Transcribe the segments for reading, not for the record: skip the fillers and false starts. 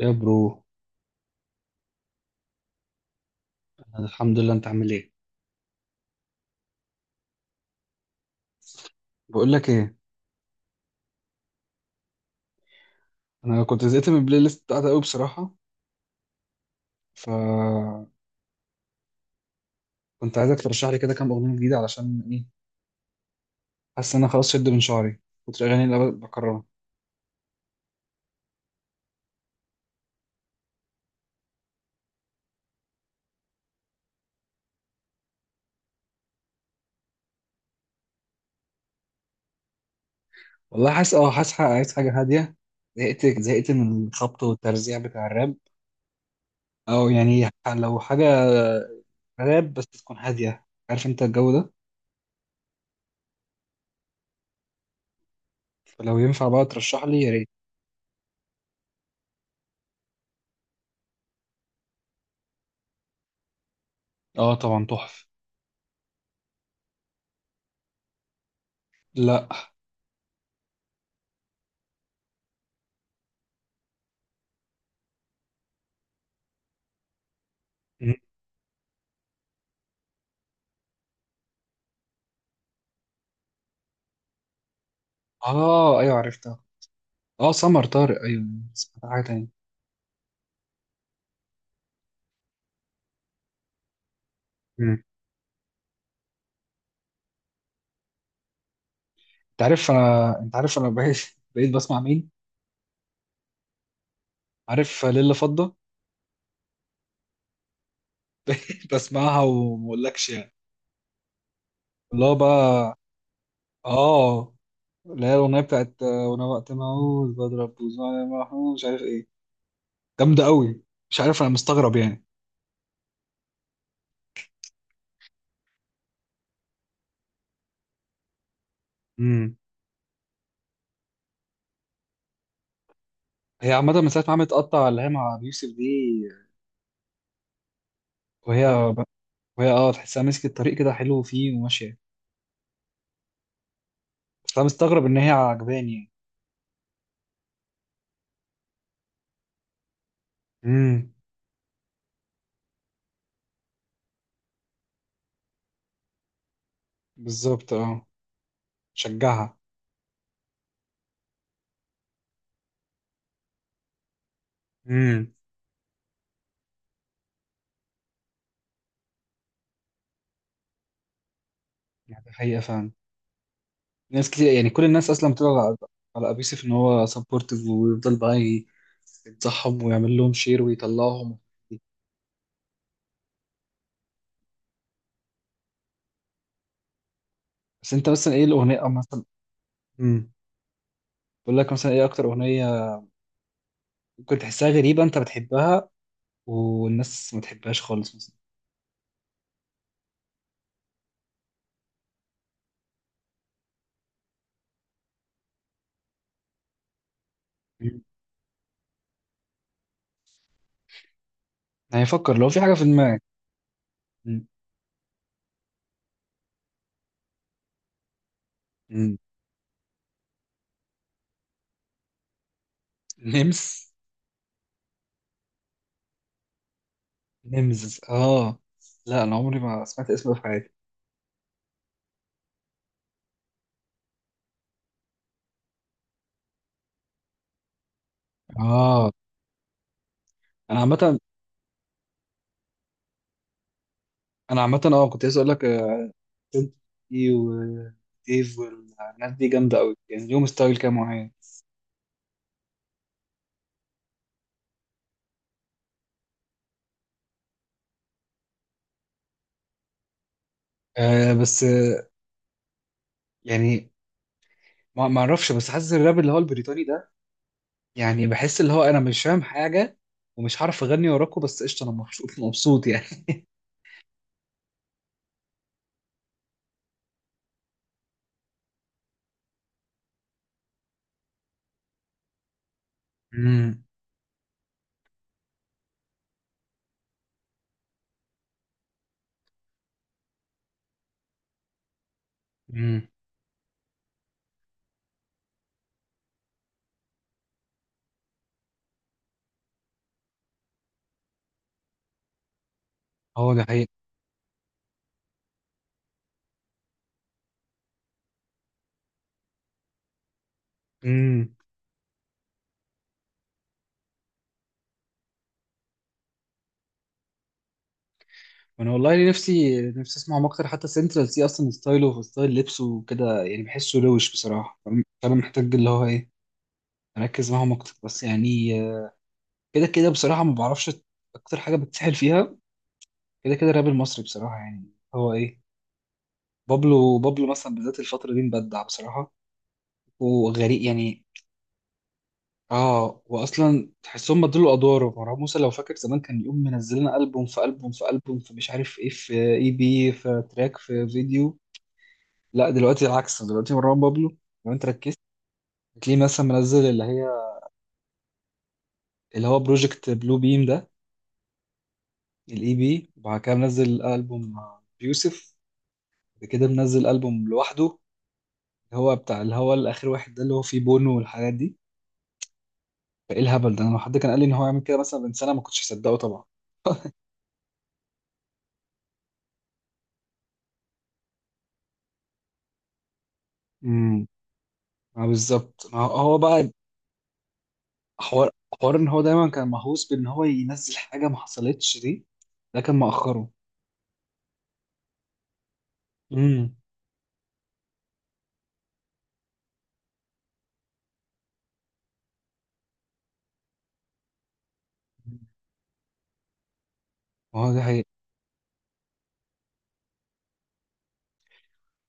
يا برو، أنا الحمد لله. انت عامل ايه؟ بقول لك ايه، انا كنت زهقت من البلاي ليست بتاعتي قوي بصراحه. ف كنت عايزك ترشح لي كده كام اغنيه جديده، علشان ايه، حاسس ان انا خلاص شد من شعري كنت الاغاني اللي بكررها. والله حاسس، اه حاسس، عايز حاجه هاديه. زهقت من الخبط والترزيع بتاع الراب. او يعني لو حاجه راب بس تكون هاديه، عارف انت الجو ده. فلو ينفع بقى ترشح لي يا ريت. اه طبعا تحفه. لا. م- اه ايوه عرفتها، اه سمر طارق ايوه. سمعت حاجه تانية. مم. انت عارف انا، انت عارف انا بقيت بسمع مين؟ عارف ليلة فضة؟ بقيت بسمعها وما اقولكش يعني. اللي هو بقى، اه اللي هي الاغنيه بتاعت وانا وقت ما اقول بضرب بوزان محمود مش عارف ايه. جامده قوي، مش عارف انا مستغرب يعني. امم هي عامه من ساعه ما عملت قطع اللي هي مع أبي يوسف دي. وهي وهي اه تحسها مسكت الطريق كده حلو فيه وماشيه. بس انا مستغرب ان هي عجباني يعني. امم بالظبط اه، شجعها. امم يعني حقيقه فعلا، ناس كتير، يعني كل الناس اصلا بتبقى على، على ابيوسف ان هو سبورتيف ويفضل بقى ينصحهم ويعمل لهم شير ويطلعهم. بس انت مثلا ايه الاغنيه، أو مثلا، امم بقول لك مثلا ايه اكتر اغنيه ممكن تحسها غريبه، انت بتحبها والناس ما تحبهاش خالص مثلا؟ مم. هيفكر لو في حاجه في دماغك. مم. مم. نمس. نمس اه، لا انا عمري ما سمعت اسمه في حياتي. اه، انا عامه، انا عامه اه كنت عايز اقول لك فيلتي وايف والناس دي جامده قوي، يعني ليهم ستايل كده معين. آه بس آه، يعني ما اعرفش، بس حاسس الراب اللي هو البريطاني ده، يعني بحس اللي هو انا مش فاهم حاجه، ومش هعرف اغني وراكوا، بس قشطه انا مبسوط يعني. امم امم هو ده حقيقي. امم انا والله نفسي اسمعهم اكتر، حتى سنترال سي اصلا ستايله وستايل لبسه وكده يعني بحسه روش بصراحه. فانا محتاج اللي هو ايه، اركز معاهم اكتر بس يعني. كده كده بصراحة ما بعرفش أكتر حاجة بتسحل فيها، كده كده الراب المصري بصراحة يعني هو إيه. بابلو، بابلو مثلا بالذات الفترة دي مبدع بصراحة وغريب يعني. آه، وأصلا تحسهم بدلوا أدواره، مروان موسى لو فاكر زمان كان يقوم منزل لنا ألبوم في ألبوم في ألبوم، في مش عارف إيه، في إي بي، في تراك، في فيديو. لا دلوقتي العكس، دلوقتي مروان بابلو، لو أنت ركزت هتلاقيه مثلا منزل اللي هي، اللي هو بروجكت بلو بيم ده، الإي بي، وبعد كده منزل ألبوم مع يوسف، بعد كده منزل ألبوم لوحده، هو بتاع اللي هو الاخر واحد ده اللي هو فيه بونو والحاجات دي. فايه الهبل ده؟ انا لو حد كان قال لي ان هو يعمل كده مثلا من سنه ما كنتش هصدقه طبعا. امم ما بالظبط، ما هو هو بقى حوار، حوار ان هو دايما كان مهووس بان هو ينزل حاجه ما حصلتش دي، ده كان مأخره. امم ما هو ده حقيقي،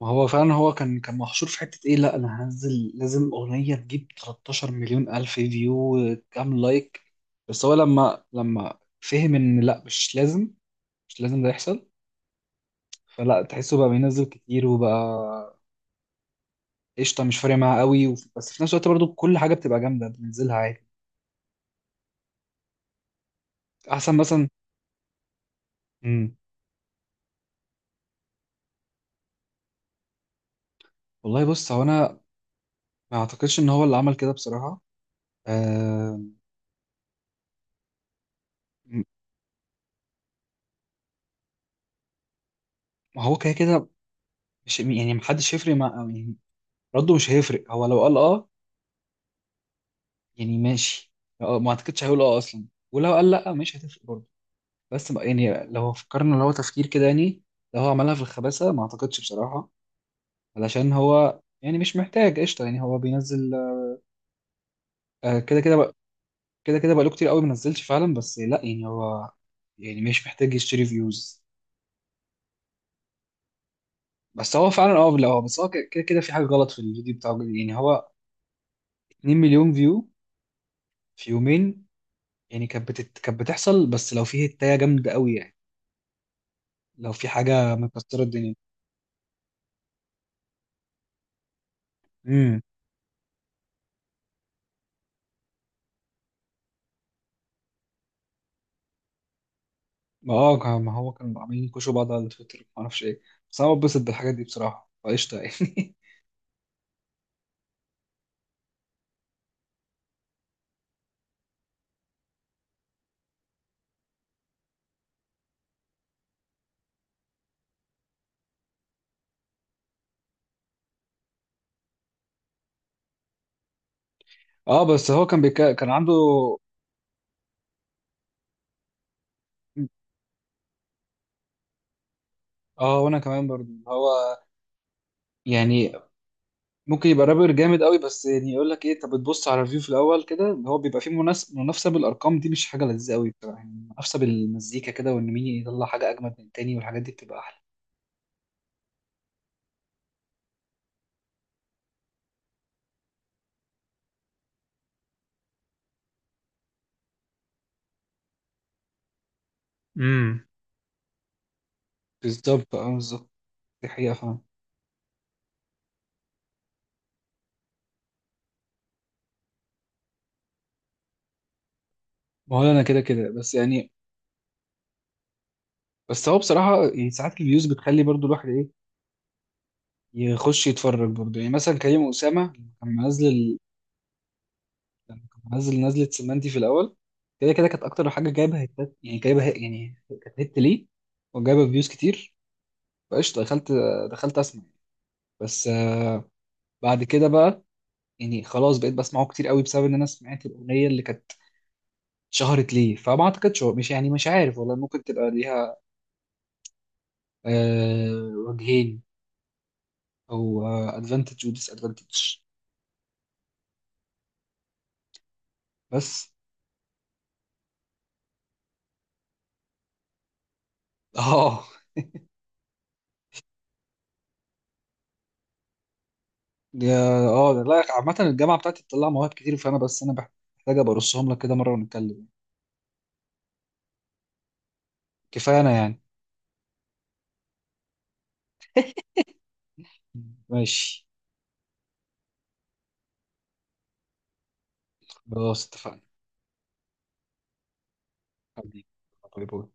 ما هو فعلا هو كان محشور في حته ايه، لا انا هنزل لازم اغنيه تجيب 13 مليون الف فيو، كام لايك. بس هو لما فهم ان لا مش لازم، مش لازم ده يحصل، فلا تحسه بقى بينزل كتير وبقى قشطه مش فارق معاه قوي، بس في نفس الوقت برضو كل حاجه بتبقى جامده بننزلها عادي. احسن مثلا. امم والله بص، هو انا ما اعتقدش ان هو اللي عمل كده بصراحه، آه. م- ما هو كده كده مش يعني، محدش هيفرق مع يعني، رده مش هيفرق هو لو قال اه يعني ماشي، آه، ما اعتقدش هيقول اه اصلا، ولو قال لا مش هتفرق برضه. بس ما- يعني لو فكرنا لو هو تفكير كده يعني، لو هو عملها في الخباثه ما اعتقدش بصراحه، علشان هو يعني مش محتاج قشطه يعني هو بينزل. آه، كده كده بقى، كده كده بقاله كتير قوي ما نزلش فعلا، بس لا يعني هو يعني مش محتاج يشتري فيوز. بس هو فعلا اه، لا هو بس هو كده كده في حاجه غلط في الفيديو بتاعه، يعني هو 2 مليون فيو في يومين. يعني كانت بتحصل، بس لو في هتايه جامده قوي يعني، لو في حاجه مكسره الدنيا. امم ما اه ما هو كانوا عاملين يكوشوا بعض على تويتر ما اعرفش ايه، بس انا بتبسط بالحاجات دي بصراحه فقشطه يعني. اه بس هو كان عنده، اه وانا كمان برضه هو يعني ممكن يبقى رابر جامد قوي، بس يعني يقول لك ايه، طب تبص على الريفيو في الاول كده اللي هو بيبقى فيه منافسه بالارقام دي مش حاجه لذيذه قوي بصراحه، يعني منافسه بالمزيكا كده وان مين يطلع حاجه اجمد من التاني والحاجات دي بتبقى احلى. امم بالظبط اه، بالظبط دي حقيقه فاهم. ما هو انا كده كده بس يعني، بس هو بصراحه يعني ساعات الفيوز بتخلي برضو الواحد ايه، يخش يتفرج برضو. يعني مثلا كريم اسامه، لما كان منزل لما كان منزل نزله سمنتي في الاول، كده كده كانت اكتر حاجه جايبه هيتات، يعني يعني كانت هيت ليه وجايبه فيوز كتير. فقشطة دخلت، دخلت اسمع. بس آه، بعد كده بقى يعني خلاص بقيت بسمعه كتير قوي بسبب ان انا سمعت الاغنيه اللي كانت شهرت ليه. فما اعتقدش هو مش يعني مش عارف والله، ممكن تبقى ليها آه وجهين، او ادفانتج وديس ادفانتج. بس. اه اه ده لا عامة الجامعة بتاعتي بتطلع مواهب كتير، فانا بس محتاج ابقى ارصهم لك كده مرة ونتكلم. كفاية انا يعني. ماشي، خلاص اتفقنا. حبيبي، باي باي.